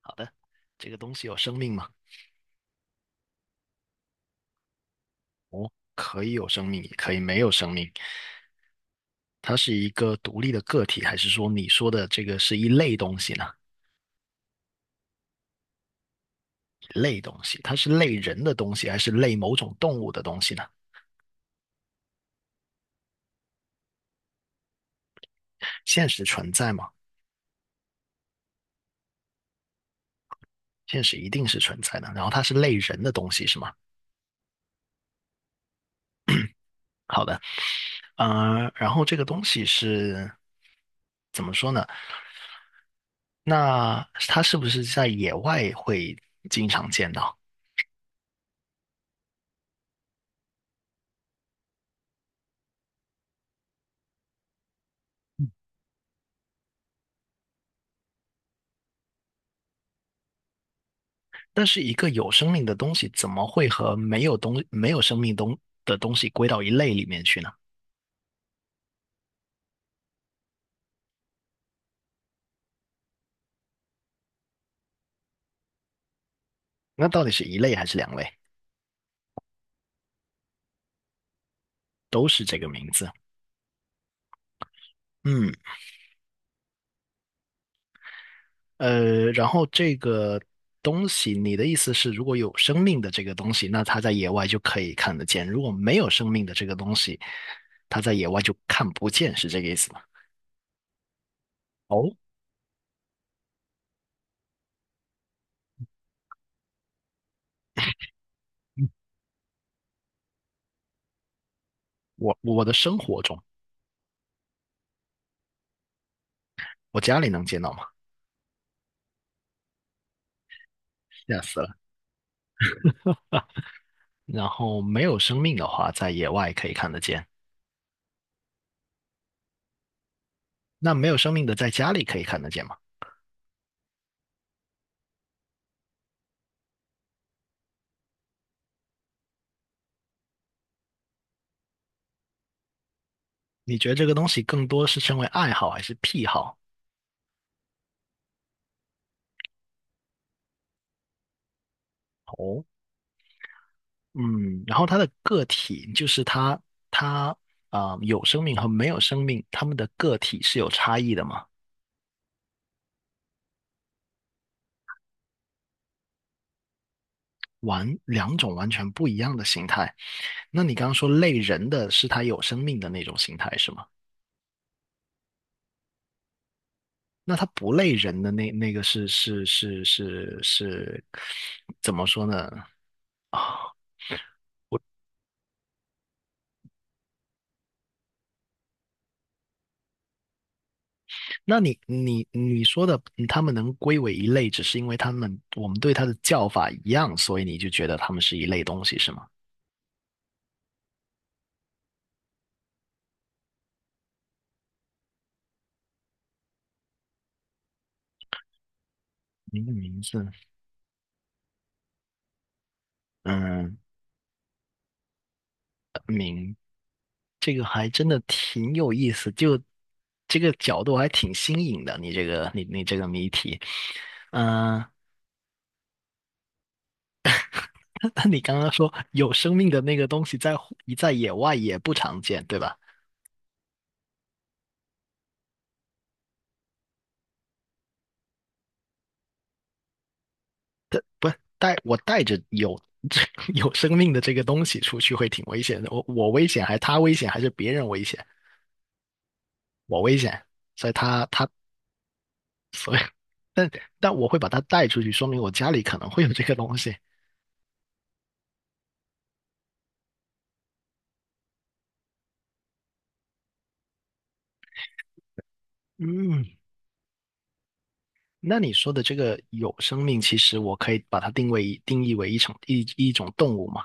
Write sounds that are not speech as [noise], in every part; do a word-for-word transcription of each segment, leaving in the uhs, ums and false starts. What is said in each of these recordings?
好的，这个东西有生命吗？哦，可以有生命，也可以没有生命。它是一个独立的个体，还是说你说的这个是一类东西呢？一类东西，它是类人的东西，还是类某种动物的东西呢？现实存在吗？现实一定是存在的。然后它是类人的东西，是吗？好的，呃，然后这个东西是怎么说呢？那它是不是在野外会经常见到？但是一个有生命的东西怎么会和没有东没有生命东的东西归到一类里面去呢？那到底是一类还是两类？都是这个名字。嗯，呃，然后这个东西，你的意思是，如果有生命的这个东西，那它在野外就可以看得见；如果没有生命的这个东西，它在野外就看不见，是这个意思吗？哦，嗯我我的生活中，我家里能见到吗？吓死了。然后没有生命的话，在野外可以看得见。那没有生命的在家里可以看得见吗？你觉得这个东西更多是称为爱好还是癖好？哦，嗯，然后它的个体就是它，它啊、呃有生命和没有生命，它们的个体是有差异的嘛？完，两种完全不一样的形态。那你刚刚说类人的是它有生命的那种形态是吗？那它不类人的那那个是是是是是怎么说呢？啊，那你你你说的，嗯他们能归为一类，只是因为他们我们对它的叫法一样，所以你就觉得它们是一类东西，是吗？名的名字，嗯，这个还真的挺有意思，就这个角度还挺新颖的。你这个你你这个谜题，嗯，[laughs] 那你刚刚说有生命的那个东西在户在野外也不常见，对吧？不是带我带着有 [laughs] 有生命的这个东西出去会挺危险的，我我危险还是他危险还是别人危险？我危险，所以他他所以，[laughs] 但但我会把它带出去，说明我家里可能会有这个东西。嗯，那你说的这个有生命，其实我可以把它定位定义为一种一一种动物嘛？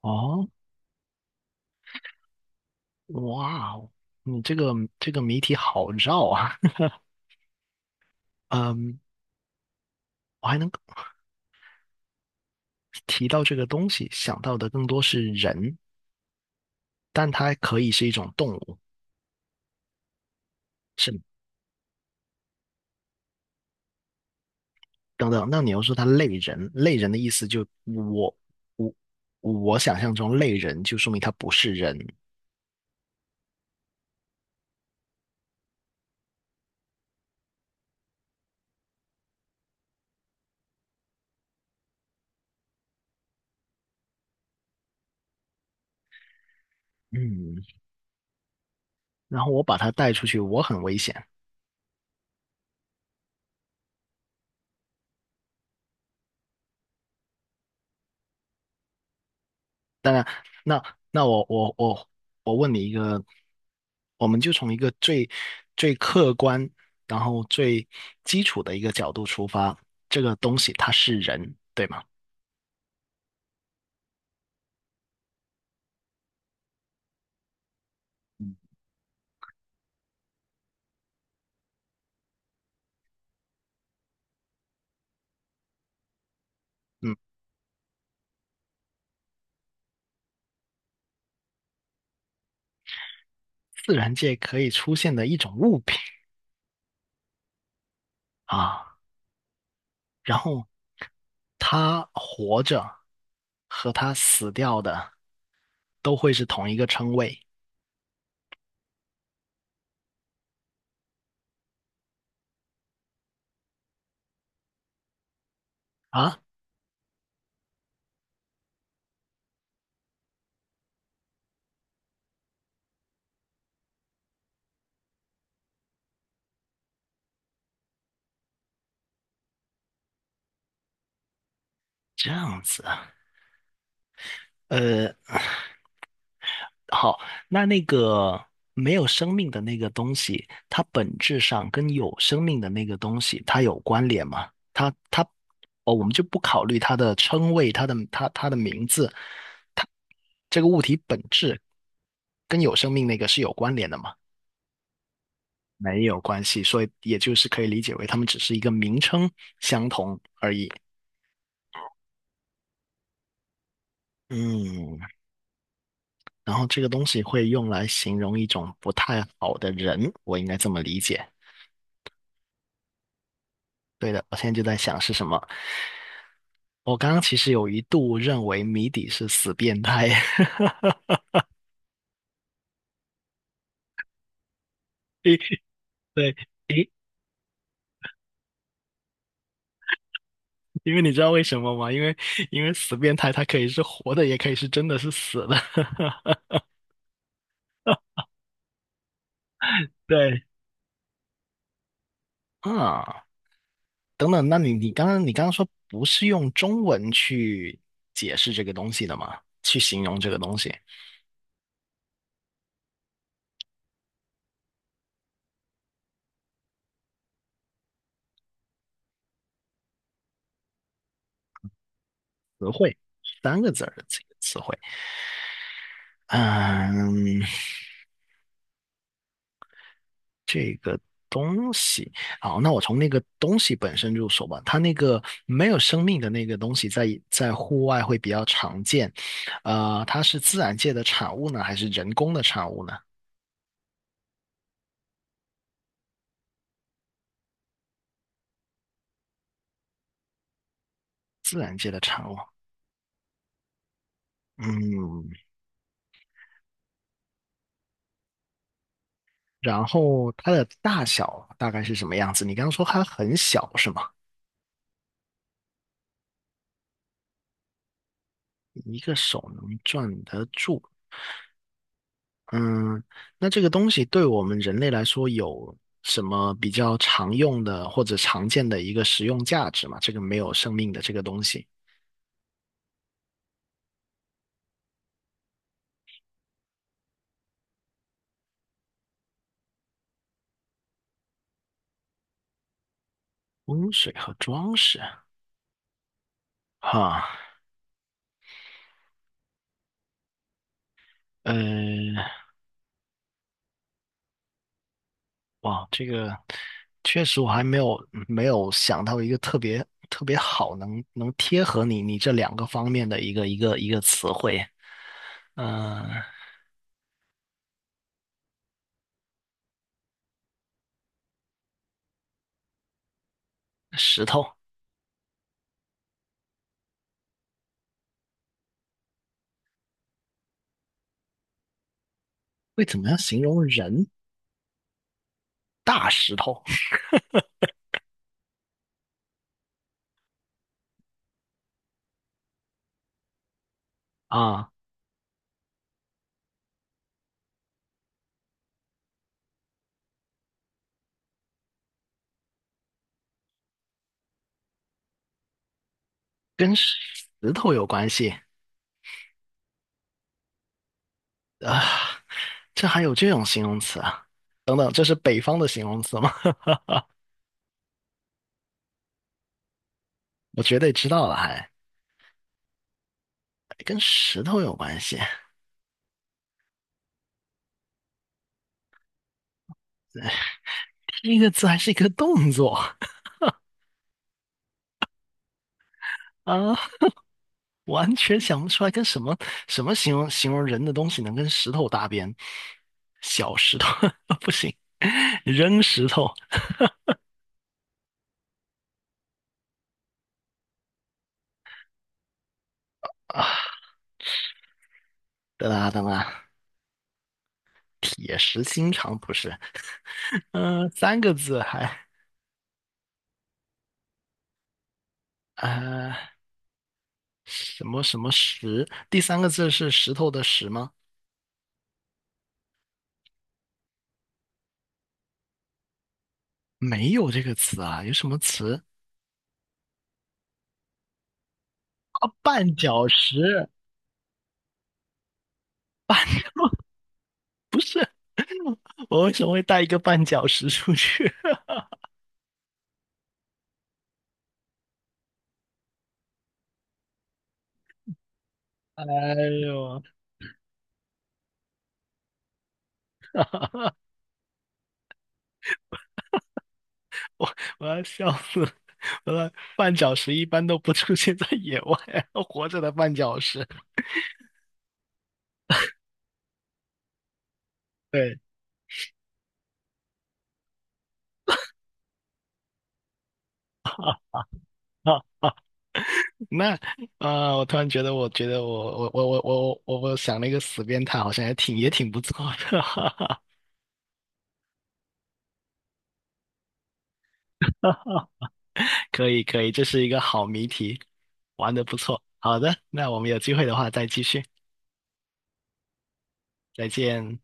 哦，哇哦，你这个这个谜题好绕啊。[laughs] 嗯，我还能提到这个东西，想到的更多是人，但它可以是一种动物，是吗？等等，那你又说他类人，类人的意思就我我我想象中类人就说明他不是人，嗯，然后我把他带出去，我很危险。那那我我我我问你一个，我们就从一个最最客观，然后最基础的一个角度出发，这个东西它是人，对吗？嗯，自然界可以出现的一种物品啊，然后它活着和它死掉的。都会是同一个称谓啊？这样子啊，呃，好，那那个没有生命的那个东西，它本质上跟有生命的那个东西，它有关联吗？它它哦，我们就不考虑它的称谓，它的它它的名字，它这个物体本质跟有生命那个是有关联的吗？没有关系，所以也就是可以理解为它们只是一个名称相同而已。嗯，然后这个东西会用来形容一种不太好的人，我应该这么理解。对的，我现在就在想是什么。我刚刚其实有一度认为谜底是死变态，[laughs] 诶对，诶，因为你知道为什么吗？因为因为死变态它可以是活的，也可以是真的是死的。[laughs] 对，啊，等等，那你你刚刚你刚刚说不是用中文去解释这个东西的吗？去形容这个东西，词汇三个字儿的这个词汇。嗯，这个东西，好，那我从那个东西本身入手吧。它那个没有生命的那个东西在，在户外会比较常见。呃，它是自然界的产物呢，还是人工的产物呢？自然界的产物。嗯，然后它的大小大概是什么样子？你刚刚说它很小是吗？一个手能攥得住。嗯，那这个东西对我们人类来说有什么比较常用的或者常见的一个实用价值吗？这个没有生命的这个东西，温水和装饰，哈，呃，哇，这个确实我还没有没有想到一个特别特别好能能贴合你你这两个方面的一个一个一个词汇，嗯、石头会怎么样形容人？大石头啊，跟石头有关系。啊，这还有这种形容词啊？等等，这是北方的形容词吗？[laughs] 我绝对知道了还，还跟石头有关系。第一个字还是一个动作 [laughs] 啊，完全想不出来跟什么什么形容形容人的东西能跟石头搭边。小石头 [laughs] 不行，扔石头啊！等啊等啊，铁石心肠不是？[laughs] 嗯、三个字还啊什么什么石？第三个字是石头的石吗？没有这个词啊，有什么词啊？绊脚石，我为什么会带一个绊脚石出去？[laughs] 哎呦，我要笑死了我的绊脚石一般都不出现在野外，[laughs] 活着的绊脚石。对，好，那啊、呃我突然觉得，我觉得我我我我我我我想了一个死变态，好像也挺也挺不错的，[laughs] 可以可以，这是一个好谜题，玩的不错。好的，那我们有机会的话再继续，再见。